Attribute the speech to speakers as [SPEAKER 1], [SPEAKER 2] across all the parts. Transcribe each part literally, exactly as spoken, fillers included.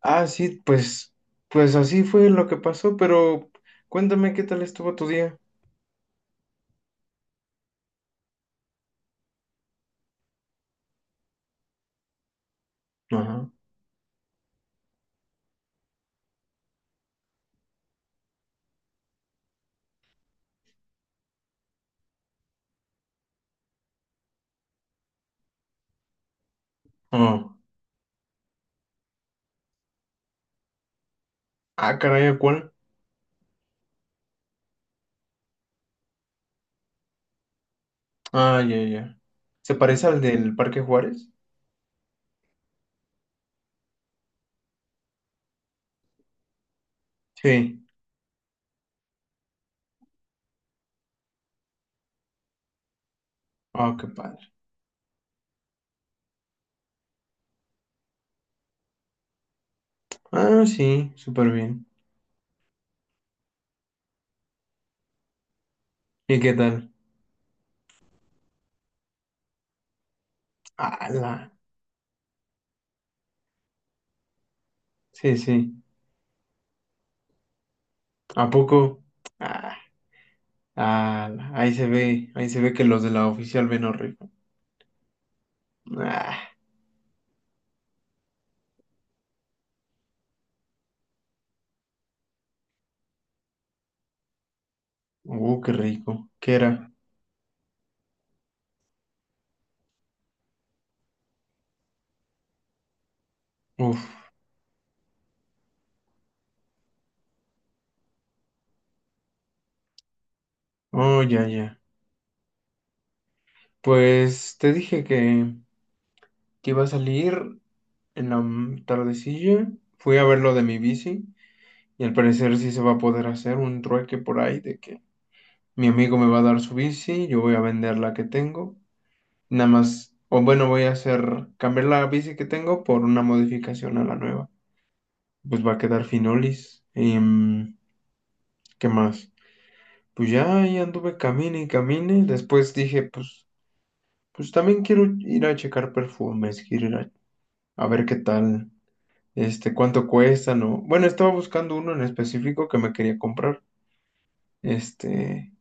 [SPEAKER 1] Ah, sí, pues, pues así fue lo que pasó, pero cuéntame qué tal estuvo tu día. Ajá. Oh. Ah, caray, ¿a ¿cuál? Ah, ya, ya. ¿Se parece al del Parque Juárez? Sí. Ah, qué padre. Ah, sí, súper bien. ¿Y qué tal? Ala. Sí, sí. ¿A poco? Ah, ala. Ahí se ve, ahí se ve que los de la oficial ven rico. Ah, uh, qué rico. ¿Qué era? Uf. Oh, ya, ya. Pues te dije que, que iba a salir. En la m- tardecilla fui a ver lo de mi bici y al parecer sí se va a poder hacer un trueque por ahí de que mi amigo me va a dar su bici, yo voy a vender la que tengo, nada más, o bueno, voy a hacer cambiar la bici que tengo por una modificación a la nueva. Pues va a quedar finolis. Em, ¿qué más? Pues ya ahí anduve camine y camine, después dije, pues, pues también quiero ir a checar perfumes, quiero ir a, a ver qué tal. Este, cuánto cuestan o... Bueno, estaba buscando uno en específico que me quería comprar, este,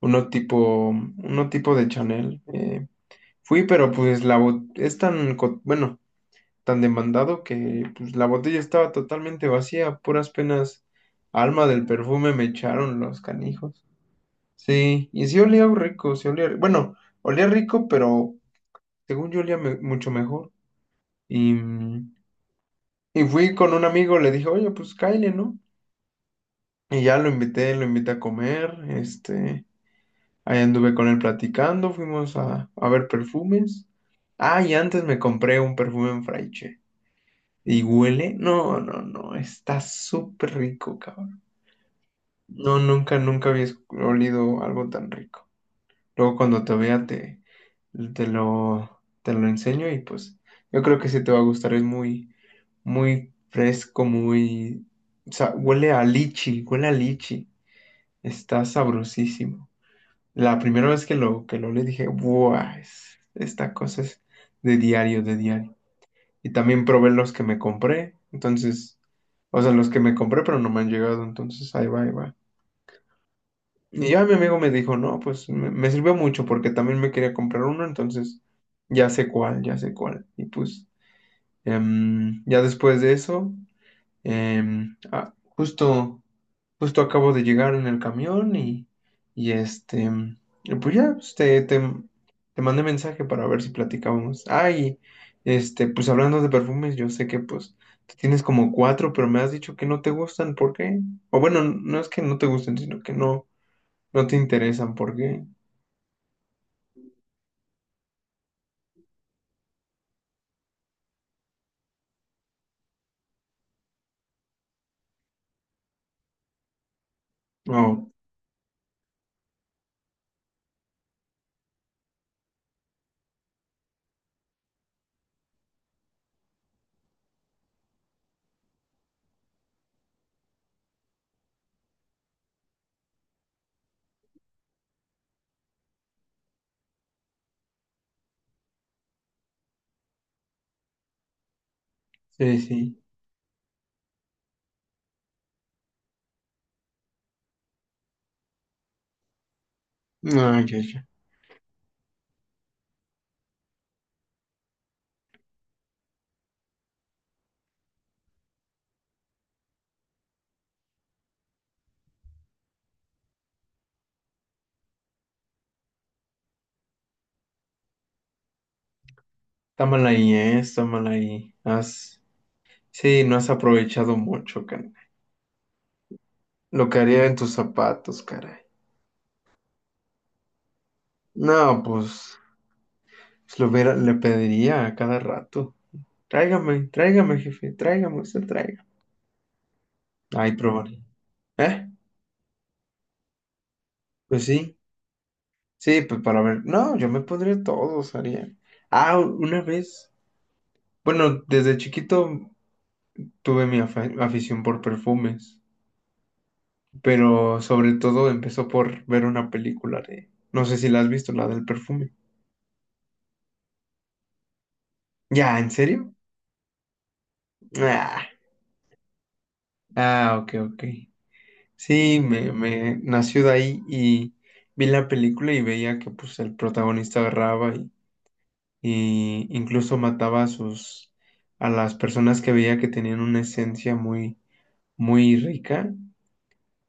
[SPEAKER 1] uno tipo, uno tipo de Chanel. eh, fui, pero pues la bot- es tan, co- bueno, tan demandado que pues la botella estaba totalmente vacía, puras penas alma del perfume me echaron los canijos. Sí, y sí olía rico, sí olía, bueno, olía rico, pero según yo olía me- mucho mejor. Y, mm, y fui con un amigo, le dije, oye, pues cáile, ¿no? Y ya lo invité, lo invité a comer, este, ahí anduve con él platicando, fuimos a, a ver perfumes. Ah, y antes me compré un perfume en Fraiche. ¿Y huele? No, no, no, está súper rico, cabrón. No, nunca, nunca había esc- olido algo tan rico. Luego cuando te vea te, te lo, te lo enseño y pues yo creo que sí te va a gustar, es muy, muy fresco, muy... O sea, huele a lichi, huele a lichi, está sabrosísimo. La primera vez que lo, que lo leí dije, ¡buah! es- esta cosa es de diario, de diario. Y también probé los que me compré, entonces, o sea, los que me compré, pero no me han llegado, entonces ahí va, ahí va. Y ya mi amigo me dijo, no, pues me, me sirvió mucho porque también me quería comprar uno, entonces ya sé cuál, ya sé cuál. Y pues em, ya después de eso. Em, ah, justo, justo acabo de llegar en el camión y, y este, y pues ya, pues, te, te, te mandé mensaje para ver si platicábamos. Ay, este, pues hablando de perfumes, yo sé que pues tú tienes como cuatro, pero me has dicho que no te gustan, ¿por qué? O bueno, no es que no te gusten, sino que no, no te interesan, ¿por qué? Oh, sí, sí. Ay, ya, ya. Está mal ahí, ¿eh? Está mal ahí. Has, sí, no has aprovechado mucho. Lo que haría en tus zapatos, caray. No, pues, pues lo hubiera- le pediría a cada rato. Tráigame, tráigame, jefe, tráigame, usted traiga. Ahí probaría. ¿Eh? Pues sí, sí, pues para ver. No, yo me pondría todos, haría. Ah, una vez. Bueno, desde chiquito tuve mi afa- afición por perfumes, pero sobre todo empezó por ver una película de... No sé si la has visto, la del perfume. ¿Ya, en serio? Ah, ah, ok, ok. Sí, me, me nació de ahí y vi la película y veía que pues el protagonista agarraba y, y incluso mataba a sus a las personas que veía que tenían una esencia muy muy rica,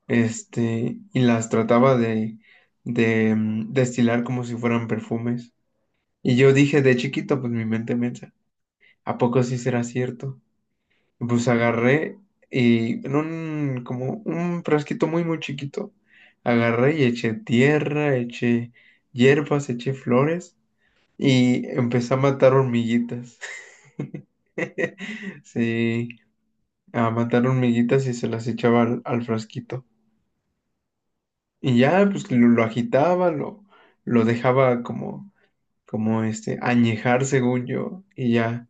[SPEAKER 1] este, y las trataba de de mm, destilar como si fueran perfumes. Y yo dije de chiquito, pues mi mente piensa, ¿a poco sí será cierto? Pues agarré y en un, como un frasquito muy, muy chiquito, agarré y eché tierra, eché hierbas, eché flores y empecé a matar hormiguitas. Sí, a matar hormiguitas y se las echaba al, al frasquito. Y ya, pues lo, lo agitaba, lo, lo dejaba como, como este, añejar según yo. Y ya,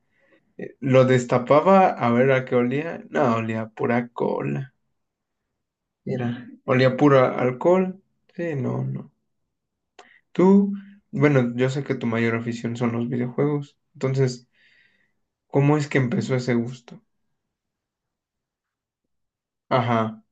[SPEAKER 1] eh, lo destapaba a ver a qué olía. No, olía a pura cola. Mira, olía puro a alcohol. Sí, no, no. Tú, bueno, yo sé que tu mayor afición son los videojuegos. Entonces, ¿cómo es que empezó ese gusto? Ajá.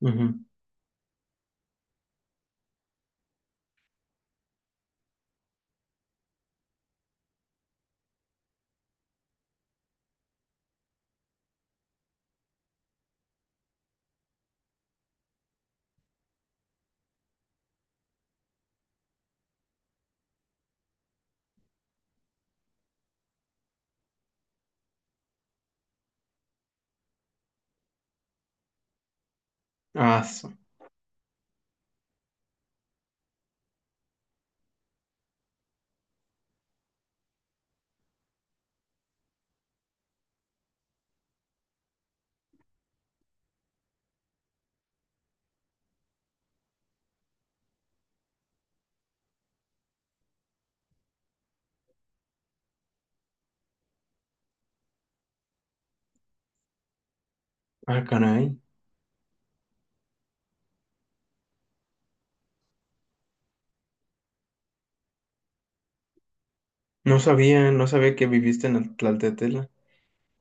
[SPEAKER 1] Ujú. Ah, su- ah, caray. No sabía, no sabía que viviste en Tlaltetela.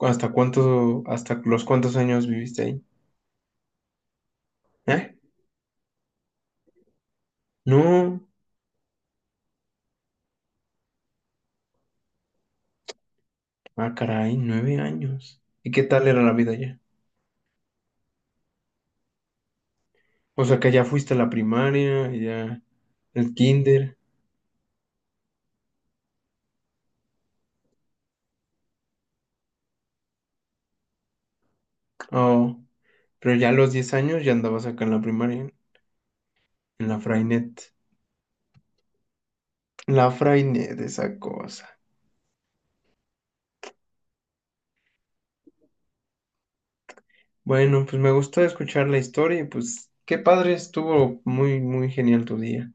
[SPEAKER 1] ¿Hasta cuánto, hasta los cuántos años viviste ahí? ¿Eh? No. Ah, caray, nueve años. ¿Y qué tal era la vida allá? O sea, que ya fuiste a la primaria, ya el kinder. Oh. Pero ya a los diez años ya andabas acá en la primaria, en en la Frainet. La Frainet, esa cosa. Bueno, pues me gustó escuchar la historia y pues qué padre, estuvo muy, muy genial tu día.